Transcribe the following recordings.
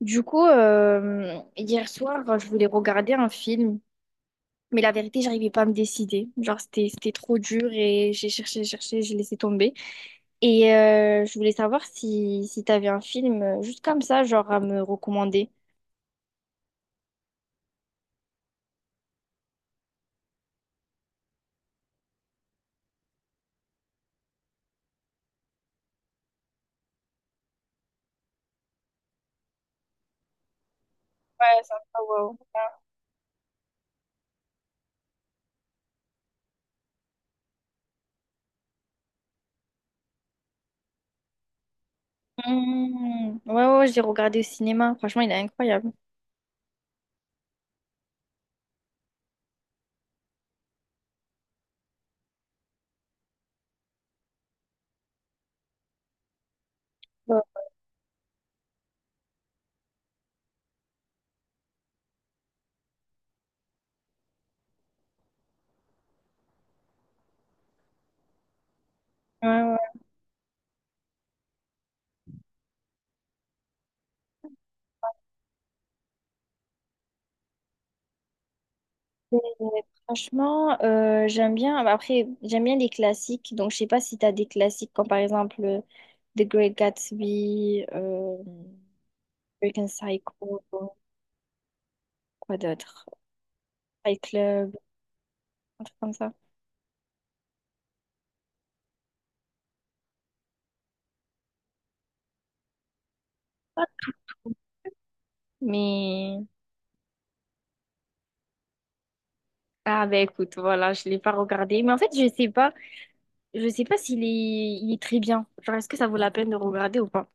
Du coup, hier soir, je voulais regarder un film, mais la vérité, j'arrivais pas à me décider. Genre, c'était trop dur et j'ai cherché, cherché, j'ai laissé tomber. Et je voulais savoir si t'avais un film juste comme ça, genre à me recommander. Ouais, sympa, waouh. Mmh. Ouais, ouais, ouais, je l'ai regardé au cinéma. Franchement, il est incroyable. Ouais. Ouais, ouais. Euh, Franchement, j'aime bien. Bah, après, j'aime bien les classiques. Donc, je sais pas si tu as des classiques comme par exemple The Great Gatsby, American Psycho, quoi d'autre? Fight Club, un truc comme ça. Mais ah ben écoute, voilà, je l'ai pas regardé. Mais en fait, je sais pas s'il est, il est très bien. Genre, est-ce que ça vaut la peine de regarder ou pas?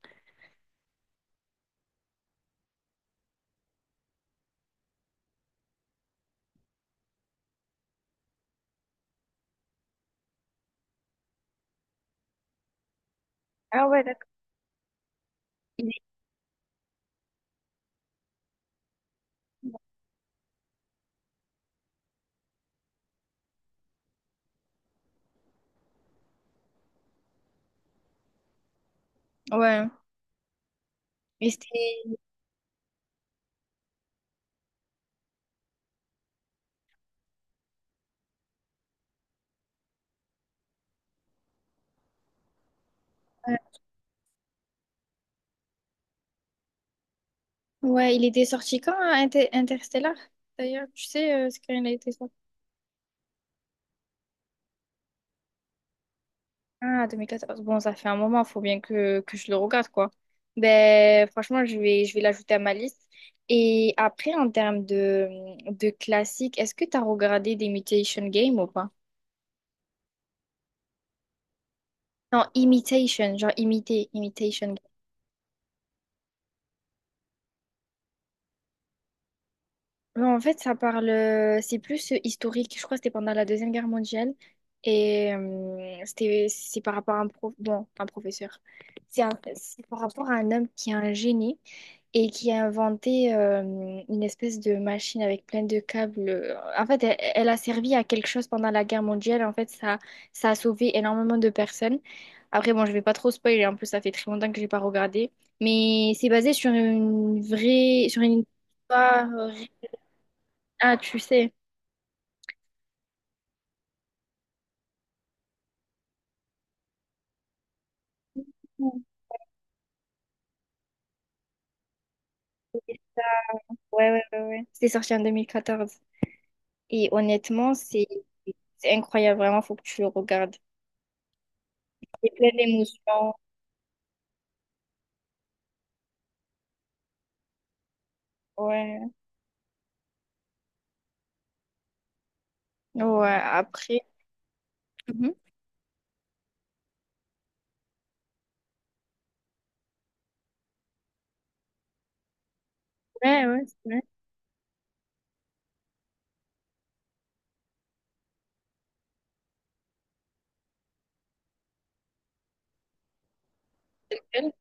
Ah ouais, d'accord. Il est- Ouais. Et c'était... Ouais. Ouais, il était sorti quand, hein, Inter- Interstellar? D'ailleurs, tu sais, c'est quand il a été sorti. Ah, 2014. Bon, ça fait un moment, faut bien que je le regarde, quoi. Ben, franchement, je vais l'ajouter à ma liste. Et après, en termes de classique, est-ce que tu as regardé des Mutation Game ou pas? Non, imitation, genre imiter, imitation. Non, en fait, ça parle, c'est plus historique. Je crois que c'était pendant la Deuxième Guerre mondiale. Et c'était, c'est par rapport à un prof, bon, un professeur. C'est un- c'est par rapport à un homme qui est un génie et qui a inventé une espèce de machine avec plein de câbles. En fait, elle, elle a servi à quelque chose pendant la guerre mondiale. En fait, ça a sauvé énormément de personnes. Après, bon, je vais pas trop spoiler. En plus, ça fait très longtemps que j'ai pas regardé. Mais c'est basé sur une vraie, sur une histoire, ah, tu sais. Mm. Ouais, ouais, ouais, ouais. C'était sorti en 2014. Et honnêtement, c'est incroyable, vraiment, faut que tu le regardes. C'est plein d'émotions. Ouais. Ouais, après. Mhm. Ouais, ouais, c'est vrai. Elle.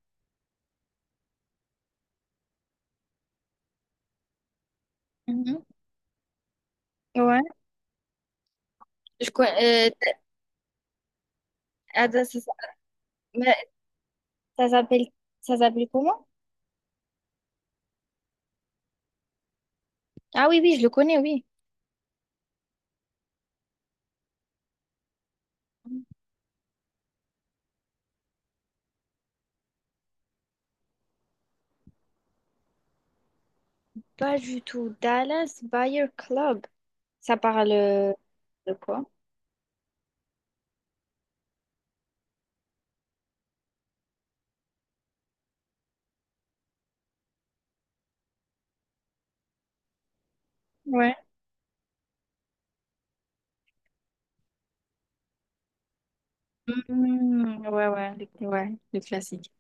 Mhm. Ouais. Je connais. Ah, ça ça- mais ça s'appelle ça s'appelle comment? Ah oui, oui, je le connais, oui. Pas du tout. Dallas Buyer Club. Ça parle de quoi? Ouais. Mm, ouais, ouais, le classique.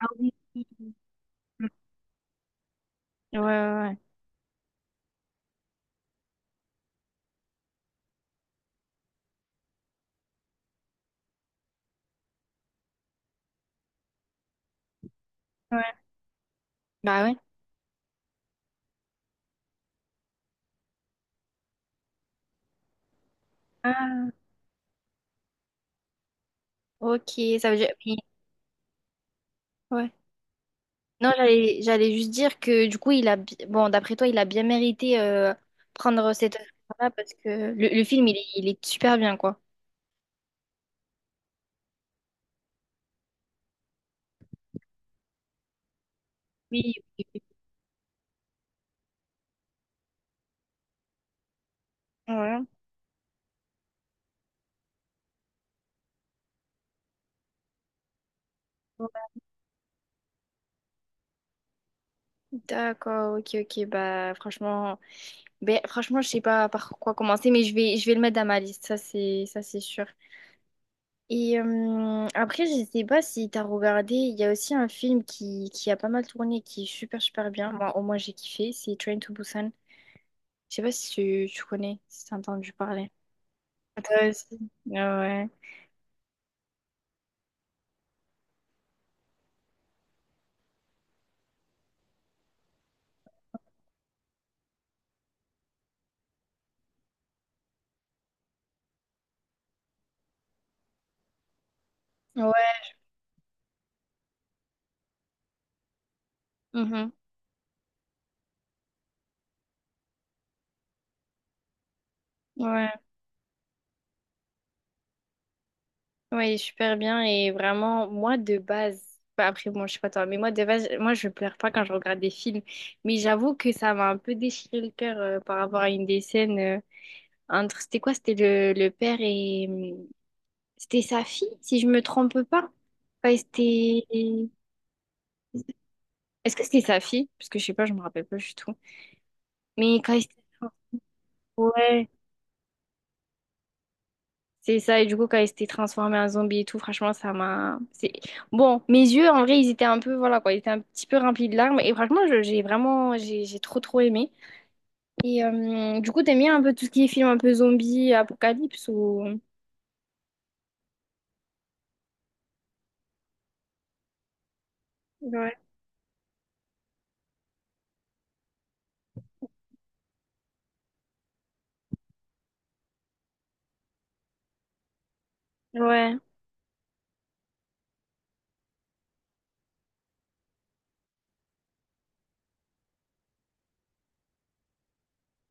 Ah oui. Oui, oui. Ouais, ouais, ouais. Ouais. Bah ouais. Ah, ok, ça veut dire. Mais- ouais. Non, j'allais juste dire que du coup, il a. Bi- bon, d'après toi, il a bien mérité prendre cette Oscar-là parce que le film, il est super bien, quoi. Oui, oui, oui. Ouais. Ouais. D'accord, ok, ok. Bah, franchement, ben, franchement, je sais pas par quoi commencer, mais je vais le mettre dans ma liste. Ça, c'est sûr. Et après, je sais pas si t'as regardé, il y a aussi un film qui a pas mal tourné, qui est super super bien. Moi, au moins, j'ai kiffé, c'est Train to Busan. Je sais pas si tu, tu connais, si t'as entendu parler. Ah, toi aussi. Ah ouais. Ouais. Mhm. Ouais. Ouais, il est super bien. Et vraiment, moi, de base, bah, après, bon, je sais pas toi, mais moi, de base, moi, je pleure pas quand je regarde des films. Mais j'avoue que ça m'a un peu déchiré le cœur par rapport à une des scènes entre, c'était quoi? C'était le père et c'était sa fille, si je me trompe pas. Quand il s'était- est-ce que c'était sa fille? Parce que je sais pas, je me rappelle pas du tout. Mais quand il s'était... Ouais, c'est ça. Et du coup, quand il s'était transformé en zombie et tout, franchement, ça m'a... c'est- bon, mes yeux, en vrai, ils étaient un peu... Voilà, quoi. Ils étaient un petit peu remplis de larmes. Et franchement, je- j'ai vraiment... j'ai trop, trop aimé. Et du coup, t'aimes bien un peu tout ce qui est film un peu zombie, apocalypse ou... Ouais. Ouais.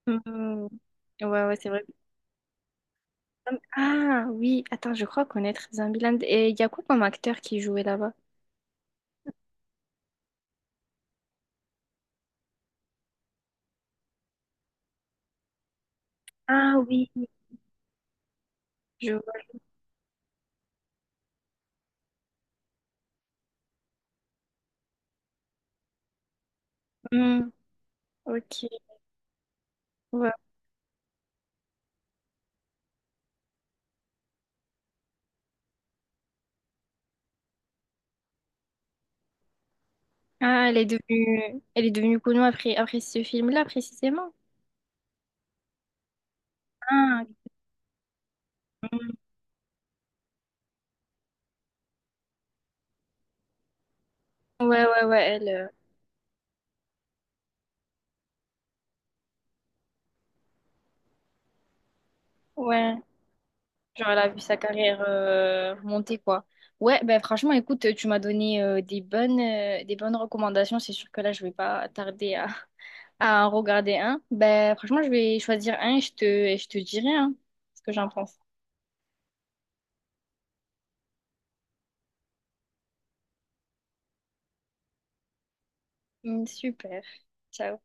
Mhm. Ouais, ouais, c'est vrai. Ah oui, attends, je crois connaître Zombieland. Et il y a quoi comme acteur qui jouait là-bas? Ah oui, je vois. Hmm, ok, ouais. Ah, elle est devenue connue après, après ce film-là, précisément. Ah, hmm. Ouais, ouais, ouais, elle, ouais, genre elle a vu sa carrière remonter, quoi. Ouais, ben franchement, écoute, tu m'as donné des bonnes recommandations. C'est sûr que là, je vais pas tarder à en regarder un. Ben franchement, je vais choisir un et je te dirai hein, ce que j'en pense. Mm, super. Ciao.